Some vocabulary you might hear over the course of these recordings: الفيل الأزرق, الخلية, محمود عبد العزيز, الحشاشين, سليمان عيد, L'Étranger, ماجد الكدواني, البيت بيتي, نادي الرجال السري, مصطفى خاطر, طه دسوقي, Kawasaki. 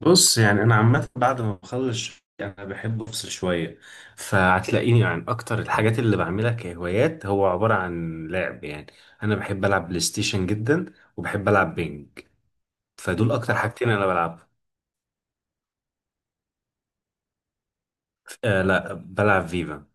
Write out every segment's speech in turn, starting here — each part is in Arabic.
بص، يعني انا عامه بعد ما بخلص شغل انا بحب افصل شويه. فهتلاقيني، يعني اكتر الحاجات اللي بعملها كهوايات هو عباره عن لعب، يعني انا بحب العب بلاي ستيشن جدا، وبحب العب بينج. فدول اكتر حاجتين انا بلعب. آه، لا بلعب فيفا.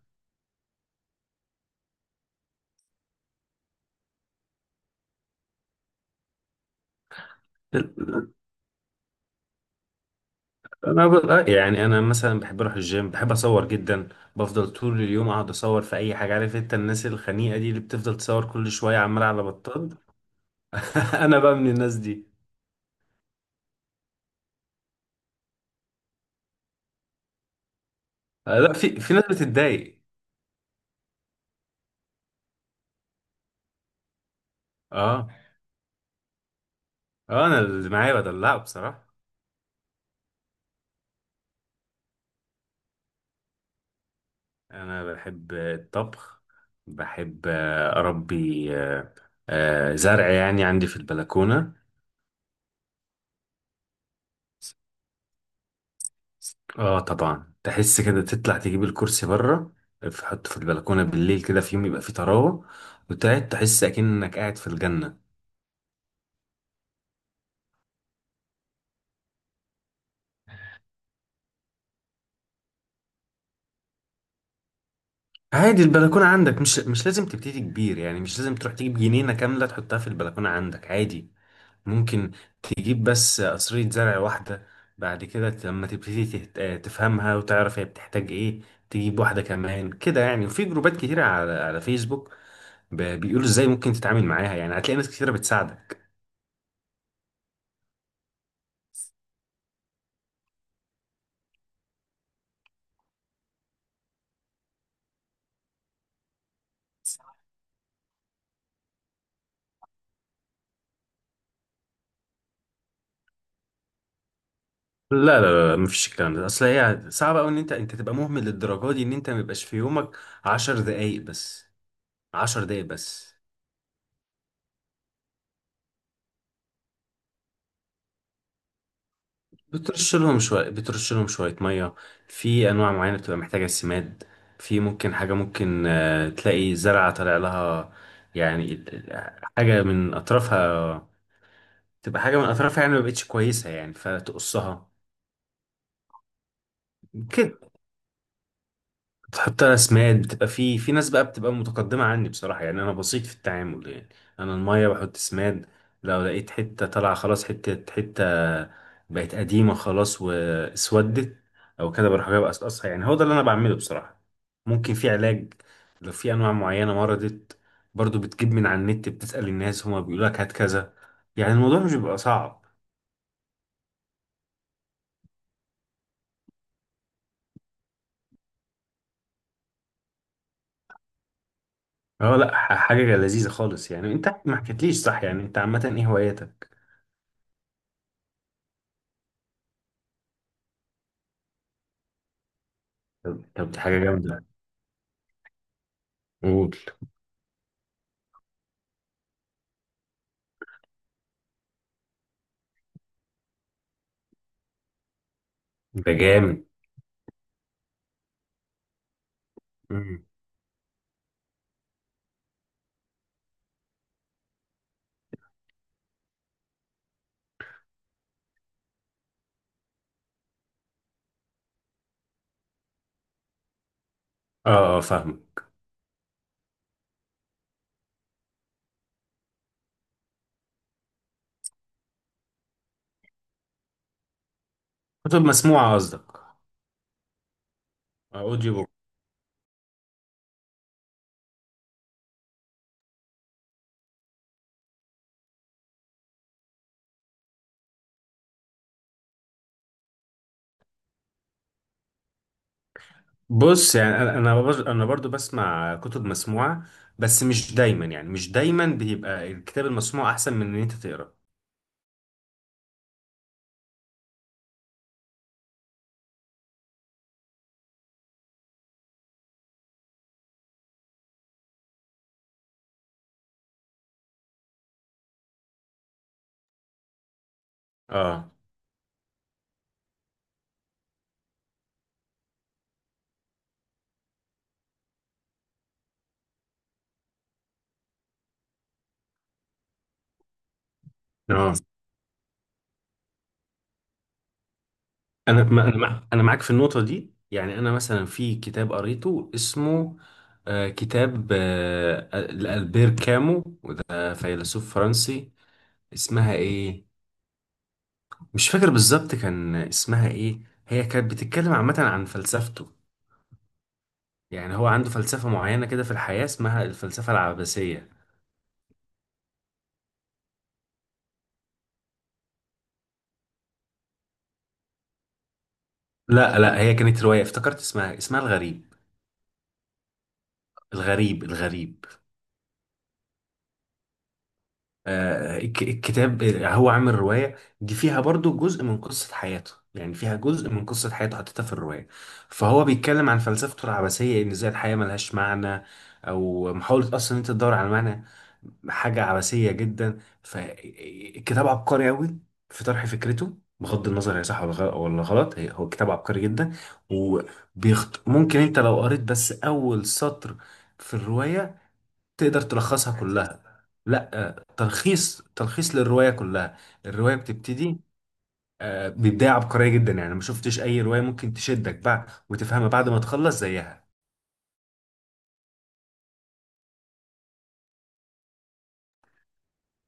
انا ب- آه، يعني انا مثلا بحب اروح الجيم، بحب اصور جدا. بفضل طول اليوم اقعد اصور في اي حاجه، عارف انت الناس الخنيقه دي اللي بتفضل تصور كل شويه عماله على بطال؟ انا بقى من الناس دي. آه، لا، في ناس بتتضايق. اه، اه، انا اللي معايا بدلعه بصراحه. انا بحب الطبخ. بحب اربي زرع، يعني عندي في البلكونه. اه، طبعا تحس كده، تطلع تجيب الكرسي بره، تحطه في البلكونه بالليل كده في يوم يبقى فيه طراوه، وتقعد تحس اكنك قاعد في الجنه. عادي البلكونه عندك، مش لازم تبتدي كبير، يعني مش لازم تروح تجيب جنينه كامله تحطها في البلكونه عندك، عادي. ممكن تجيب بس قصرية زرع واحدة. بعد كده لما تبتدي تفهمها وتعرف هي بتحتاج ايه، تجيب واحدة كمان كده، يعني. وفي جروبات كتيرة على فيسبوك، بيقولوا ازاي ممكن تتعامل معاها، يعني هتلاقي ناس كتيرة بتساعدك. لا، لا، لا، لا، مفيش الكلام ده، اصل هي صعب قوي ان انت تبقى مهمل للدرجة دي، ان انت ميبقاش في يومك 10 دقايق بس. 10 دقايق بس. بترش لهم شوية مية. في أنواع معينة بتبقى محتاجة سماد. في، ممكن حاجة، ممكن تلاقي زرعة طالع لها، يعني حاجة من أطرافها، تبقى حاجة من أطرافها، يعني مبقتش كويسة، يعني فتقصها. حتى رسمات بتبقى، في ناس بقى بتبقى متقدمة عني بصراحة، يعني أنا بسيط في التعامل، يعني أنا المية بحط سماد، لو لقيت حتة طالعة خلاص، حتة حتة بقت قديمة خلاص واسودت، أو كده بروح جايب أقصقصها، يعني هو ده اللي أنا بعمله بصراحة. ممكن في علاج لو في أنواع معينة مرضت، برضو بتجيب من على النت، بتسأل الناس هما بيقولوا لك هات كذا، يعني الموضوع مش بيبقى صعب. اه، لا، حاجة لذيذة خالص. يعني انت ما حكيتليش، صح، يعني انت عامة ايه هواياتك؟ طب، دي حاجة جامدة. قول. ده جامد. مم. اه، اه، فاهم. كتب مسموعة قصدك. اوديو بوك. بص، يعني انا برضو بسمع كتب مسموعة، بس مش دايما، يعني مش دايما بيبقى الكتاب المسموع احسن من ان انت تقرا. اه. اه، انا ما- انا مع- انا معاك في النقطة دي. يعني انا مثلا في كتاب قريته اسمه، كتاب لألبير كامو، وده فيلسوف فرنسي. اسمها ايه؟ مش فاكر بالظبط كان اسمها ايه. هي كانت بتتكلم عامة عن فلسفته، يعني هو عنده فلسفة معينة كده في الحياة، اسمها الفلسفة العباسية. لا، لا، هي كانت رواية، افتكرت اسمها الغريب. الغريب، الغريب. آه، الكتاب هو عامل رواية دي فيها برضو جزء من قصة حياته، يعني فيها جزء من قصة حياته حطيتها في الرواية، فهو بيتكلم عن فلسفته العباسية ان ازاي الحياة ملهاش معنى، او محاولة اصلا إن انت تدور على معنى، حاجة عبثية جدا. فالكتاب عبقري قوي في طرح فكرته، بغض النظر هي صح ولا غلط. هو كتاب عبقري جدا. ممكن انت لو قريت بس اول سطر في الرواية تقدر تلخصها كلها. لا، تلخيص للرواية كلها. الرواية بتبتدي ببداية عبقرية جدا، يعني ما شفتش اي رواية ممكن تشدك بقى وتفهمها بعد ما تخلص زيها.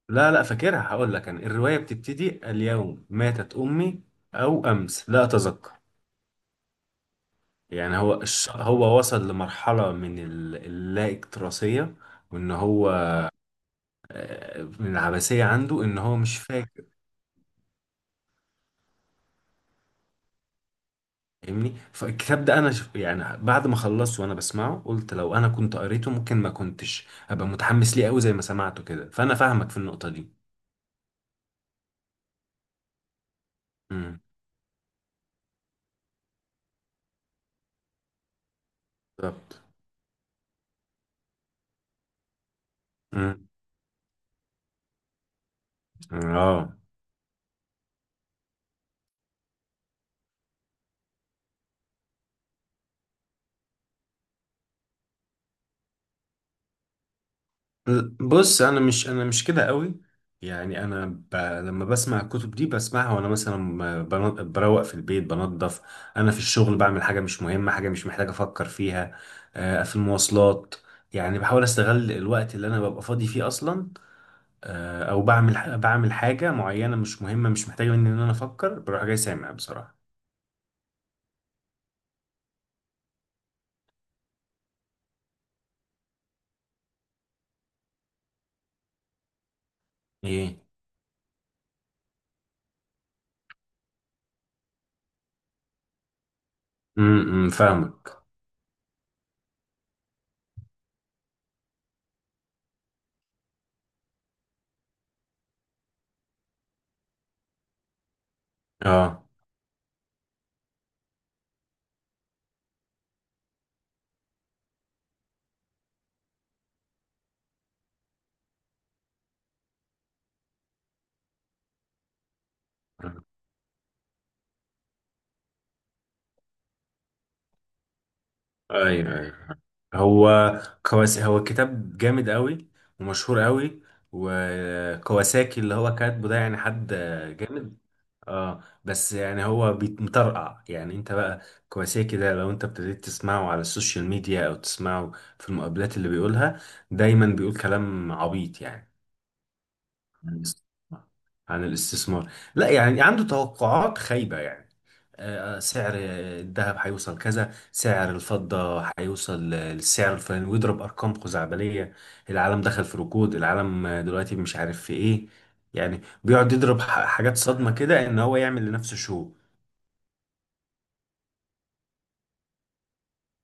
لا، لا، فاكرها، هقول لك. انا الروايه بتبتدي: اليوم ماتت امي، او امس لا اتذكر. يعني هو وصل لمرحله من اللا اكتراثيه، وان هو من العبثيه عنده ان هو مش فاكر. فاهمني؟ فالكتاب ده انا يعني بعد ما خلصته وانا بسمعه قلت لو انا كنت قريته ممكن ما كنتش ابقى متحمس ليه قوي زي ما سمعته كده، فانا فاهمك في النقطه دي. امم. بالظبط. امم. اه. بص، انا مش كده قوي، يعني لما بسمع الكتب دي بسمعها، وانا مثلا بروق في البيت، بنظف، انا في الشغل بعمل حاجه مش مهمه، حاجه مش محتاج افكر فيها، في المواصلات. يعني بحاول استغل الوقت اللي انا ببقى فاضي فيه اصلا، او بعمل حاجه معينه مش مهمه، مش محتاجه مني ان انا افكر، بروح جاي سامع بصراحه. ايه. امم، فاهمك. اه. آه. ايوه، ايوه. هو هو كتاب جامد قوي، ومشهور قوي، وكواساكي اللي هو كاتبه ده يعني حد جامد. اه، بس يعني هو مطرقع، يعني انت بقى كواساكي ده لو انت ابتديت تسمعه على السوشيال ميديا، او تسمعه في المقابلات اللي بيقولها، دايما بيقول كلام عبيط، يعني عن الاست- عن الاستثمار. لا يعني عنده توقعات خايبة، يعني سعر الذهب هيوصل كذا، سعر الفضة هيوصل للسعر الفلاني، ويضرب أرقام خزعبلية، العالم دخل في ركود، العالم دلوقتي مش عارف في إيه، يعني بيقعد يضرب حاجات صدمة كده، إن هو يعمل لنفسه شو.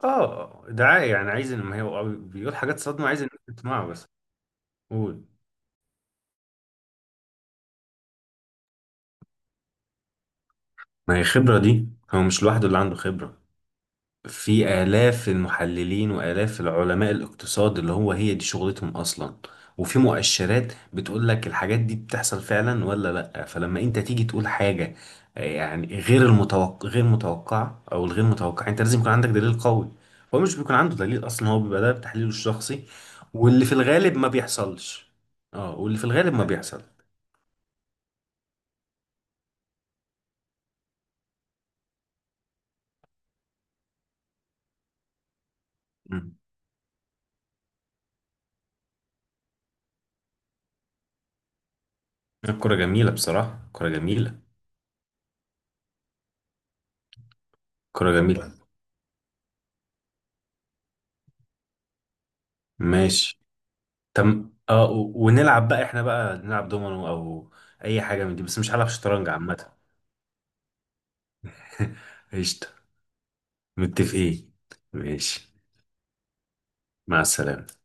آه، دعاية، يعني عايز، إن ما هي هو بيقول حاجات صدمة عايز الناس تسمعها بس. قول. ما هي خبرة دي، هو مش لوحده اللي عنده خبرة، في آلاف المحللين وآلاف العلماء الاقتصاد اللي هو هي دي شغلتهم أصلا، وفي مؤشرات بتقول لك الحاجات دي بتحصل فعلا ولا لأ. فلما أنت تيجي تقول حاجة يعني غير المتوقع، غير متوقعة، أو الغير متوقع، أنت لازم يكون عندك دليل قوي. هو مش بيكون عنده دليل أصلا، هو بيبقى ده بتحليله الشخصي، واللي في الغالب ما بيحصلش. اه، واللي في الغالب ما بيحصل. مم. الكرة جميلة بصراحة، كرة جميلة. كرة جميلة. ماشي. تم. اه، ونلعب بقى، احنا بقى نلعب دومينو او اي حاجه من دي، بس مش هلعب شطرنج عامه. قشطه. متفقين. ماشي. مع السلامه.